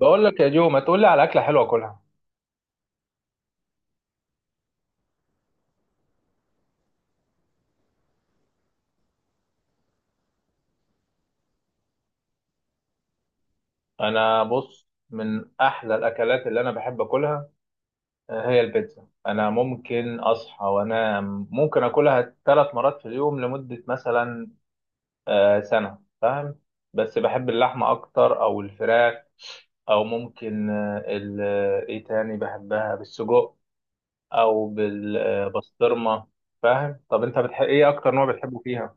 بقول لك يا جو، ما تقول لي على اكله حلوه اكلها. انا بص، من احلى الاكلات اللي انا بحب اكلها، هي البيتزا. انا ممكن اصحى وانا ممكن اكلها ثلاث مرات في اليوم، لمده مثلا سنه، فاهم؟ بس بحب اللحمه اكتر او الفراخ، او ممكن ايه تاني، بحبها بالسجق او بالبسطرمه. فاهم؟ طب انت بتحب ايه؟ اكتر نوع بتحبه فيها؟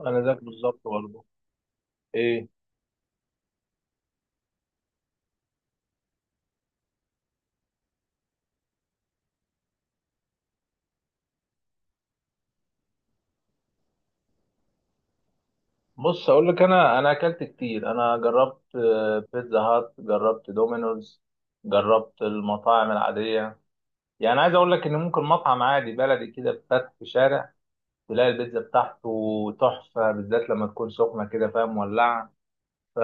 انا ذاك بالظبط برضه. ايه، بص اقول لك، انا اكلت كتير. انا جربت بيتزا هات، جربت دومينوز، جربت المطاعم العاديه. يعني عايز اقول لك ان ممكن مطعم عادي بلدي كده فتح في شارع، تلاقي البيتزا بتاعته تحفه، بالذات لما تكون سخنه كده، فاهم؟ مولعه. ف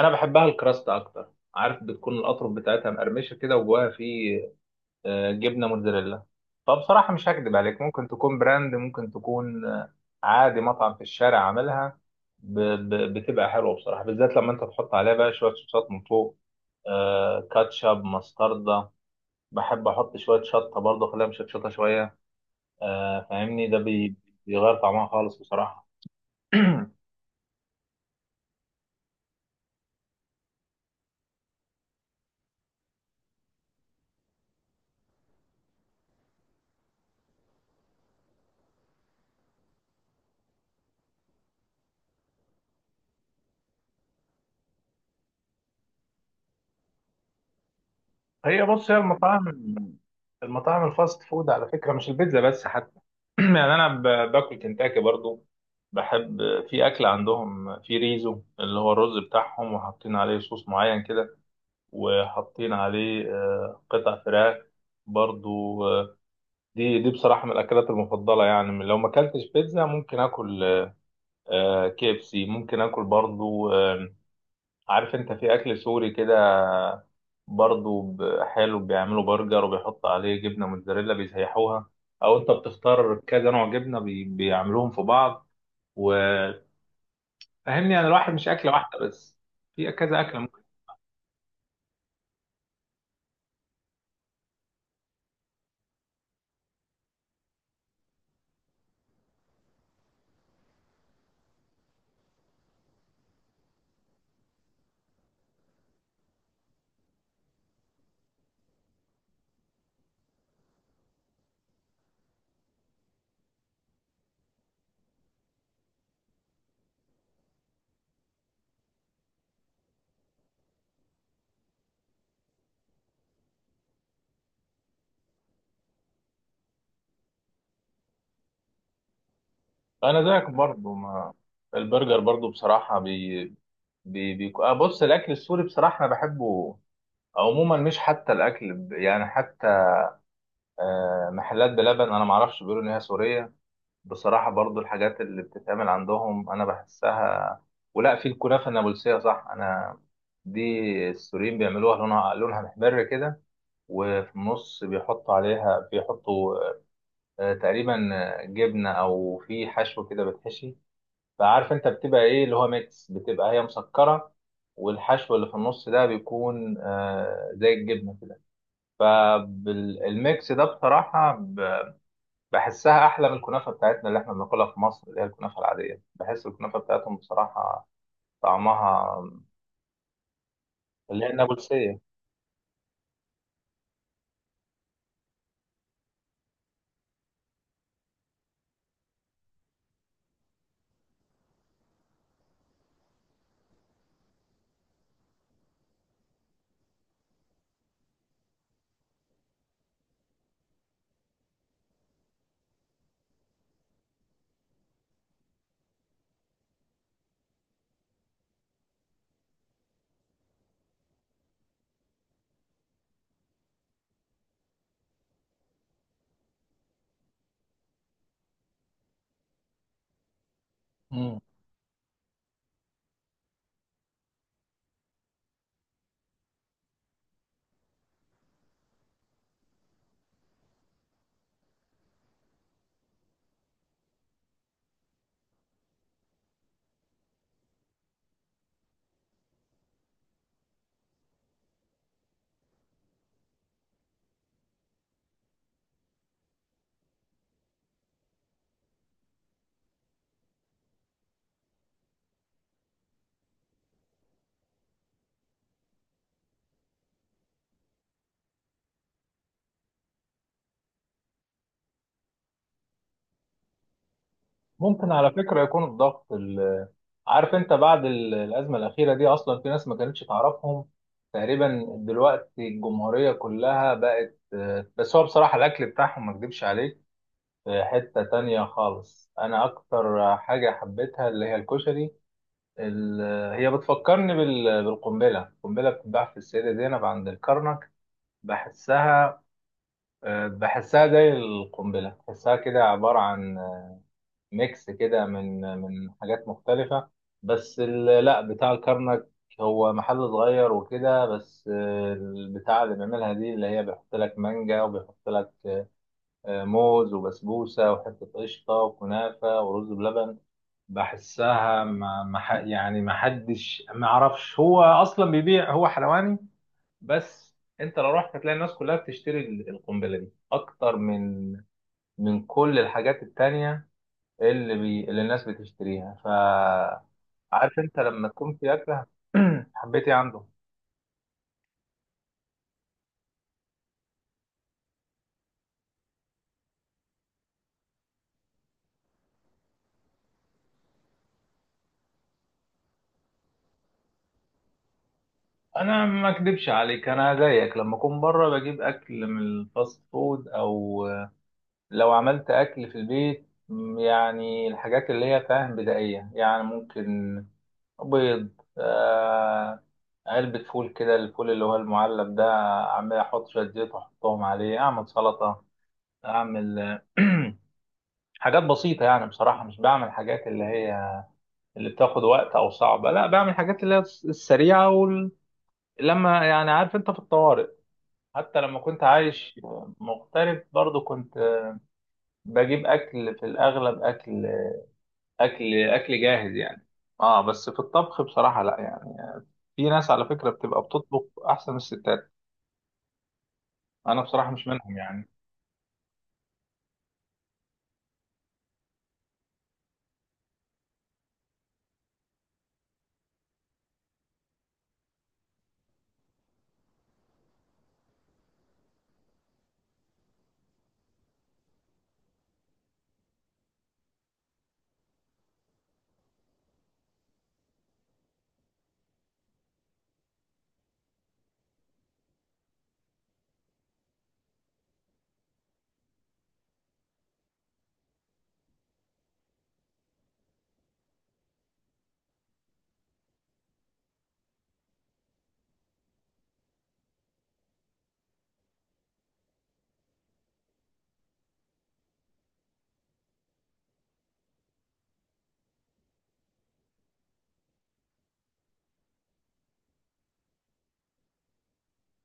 انا بحبها الكراست اكتر، عارف بتكون الاطراف بتاعتها مقرمشه كده، وجواها فيه جبنه موتزاريلا. فبصراحه مش هكدب عليك، ممكن تكون براند، ممكن تكون عادي مطعم في الشارع عاملها ب- بتبقى حلوه بصراحه، بالذات لما انت تحط عليها بقى شويه صوصات من فوق، كاتشب، مستردة. بحب احط شويه شطه برضه، اخليها مشطشطه شويه، فاهمني؟ ده بيغير طعمها خالص بصراحه. هي بص، هي المطاعم الفاست فود على فكرة، مش البيتزا بس حتى. يعني أنا باكل كنتاكي برضو. بحب في أكل عندهم في ريزو، اللي هو الرز بتاعهم، وحاطين عليه صوص معين كده، وحاطين عليه قطع فراخ برضو. دي بصراحة من الأكلات المفضلة. يعني لو ما أكلتش بيتزا، ممكن آكل كي إف سي، ممكن آكل برضو. عارف أنت في أكل سوري كده برضو، حلو، بيعملوا برجر وبيحط عليه جبنة موتزاريلا، بيسيحوها، أو أنت بتختار كذا نوع جبنة، بيعملوهم في بعض. وفهمني، أنا الواحد مش أكلة واحدة بس، في كذا أكلة ممكن. أنا زيك برضو، ما البرجر برضو بصراحة بي... بي... بي... آه بص، الأكل السوري بصراحة أنا بحبه عموما، مش حتى الأكل يعني حتى محلات بلبن، أنا معرفش، بيقولوا إن هي سورية. بصراحة برضو الحاجات اللي بتتعمل عندهم أنا بحسها، ولا في الكنافة النابلسية، صح؟ أنا دي السوريين بيعملوها، لونها محمر كده، وفي النص بيحطوا عليها، بيحطوا تقريبا جبنة أو في حشو كده بتحشي. فعارف أنت بتبقى إيه؟ اللي هو ميكس، بتبقى هي مسكرة، والحشو اللي في النص ده بيكون زي الجبنة كده. فالميكس ده بصراحة بحسها احلى من الكنافه بتاعتنا اللي احنا بناكلها في مصر، اللي هي الكنافه العاديه. بحس الكنافه بتاعتهم بصراحه طعمها، اللي هي النابلسيه. مم. ممكن على فكره يكون الضغط عارف انت بعد الازمه الاخيره دي، اصلا في ناس ما كانتش تعرفهم، تقريبا دلوقتي الجمهوريه كلها بقت بس هو بصراحه الاكل بتاعهم، ما اكدبش عليك، في حته تانية خالص. انا اكتر حاجه حبيتها اللي هي الكشري. ال- هي بتفكرني بالقنبلة. القنبلة بتتباع في السيدة زينب عند الكرنك. بحسها بحسها زي القنبلة، بحسها كده عبارة عن ميكس كده من حاجات مختلفة. بس لا، بتاع الكرنك هو محل صغير وكده بس، البتاع اللي بيعملها دي اللي هي، بيحط لك مانجا، وبيحط لك موز، وبسبوسة، وحتة قشطة، وكنافة، ورز بلبن. بحسها، ما ما ح- يعني ما حدش، ما اعرفش هو اصلا بيبيع، هو حلواني، بس انت لو رحت هتلاقي الناس كلها بتشتري القنبله دي اكتر من من كل الحاجات التانية اللي بي اللي الناس بتشتريها. ف عارف انت لما تكون في اكله. حبيتي عنده. انا ما اكدبش عليك، انا زيك لما اكون بره بجيب اكل من الفاست فود، او لو عملت أكل في البيت م، يعني الحاجات اللي هي، فاهم، بدائية، يعني ممكن بيض، آه، علبة فول كده، الفول اللي هو المعلب ده، أعمل أحط شوية زيت وأحطهم عليه، أعمل سلطة، أعمل حاجات بسيطة يعني. بصراحة مش بعمل حاجات اللي هي اللي بتاخد وقت أو صعبة، لا، بعمل حاجات اللي هي السريعة. وال... لما يعني عارف أنت في الطوارئ، حتى لما كنت عايش مغترب برضو، كنت بجيب أكل، في الأغلب أكل اكل جاهز يعني. اه، بس في الطبخ بصراحه لا يعني، في ناس على فكره بتبقى بتطبخ احسن من الستات، انا بصراحه مش منهم يعني.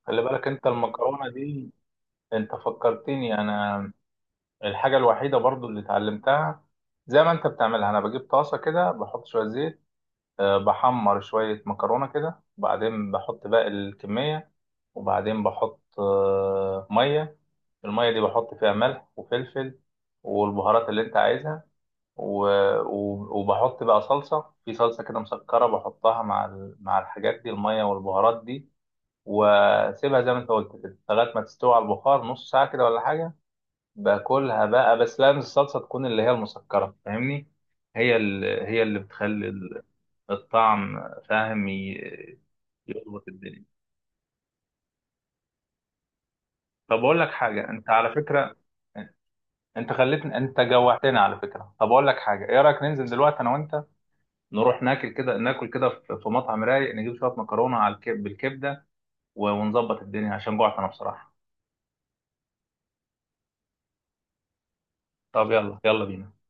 خلي بالك انت المكرونه دي، انت فكرتني انا الحاجه الوحيده برضو اللي اتعلمتها. زي ما انت بتعملها، انا بجيب طاسه كده، بحط شويه زيت، بحمر شويه مكرونه كده، وبعدين بحط باقي الكميه، وبعدين بحط ميه. الميه دي بحط فيها ملح وفلفل والبهارات اللي انت عايزها، و... و... وبحط بقى صلصة، في صلصة كده مسكرة، بحطها مع ال... مع الحاجات دي، المية والبهارات دي، واسيبها زي ما انت قلت كده لغاية ما تستوي على البخار، نص ساعة كده ولا حاجة. باكلها بقى. بس لازم الصلصة تكون اللي هي المسكرة، فاهمني؟ هي اللي، هي اللي بتخلي الطعم، فاهم؟ يظبط الدنيا. طب اقول لك حاجة، انت على فكرة انت خليتني، انت جوعتني على فكرة. طب اقول لك حاجة، ايه رأيك ننزل دلوقتي انا وانت، نروح ناكل كده، ناكل كده في في مطعم رايق، نجيب شويه مكرونه على بالكبده، ونظبط الدنيا، عشان جوعت انا بصراحه. طب يلا، يلا بينا.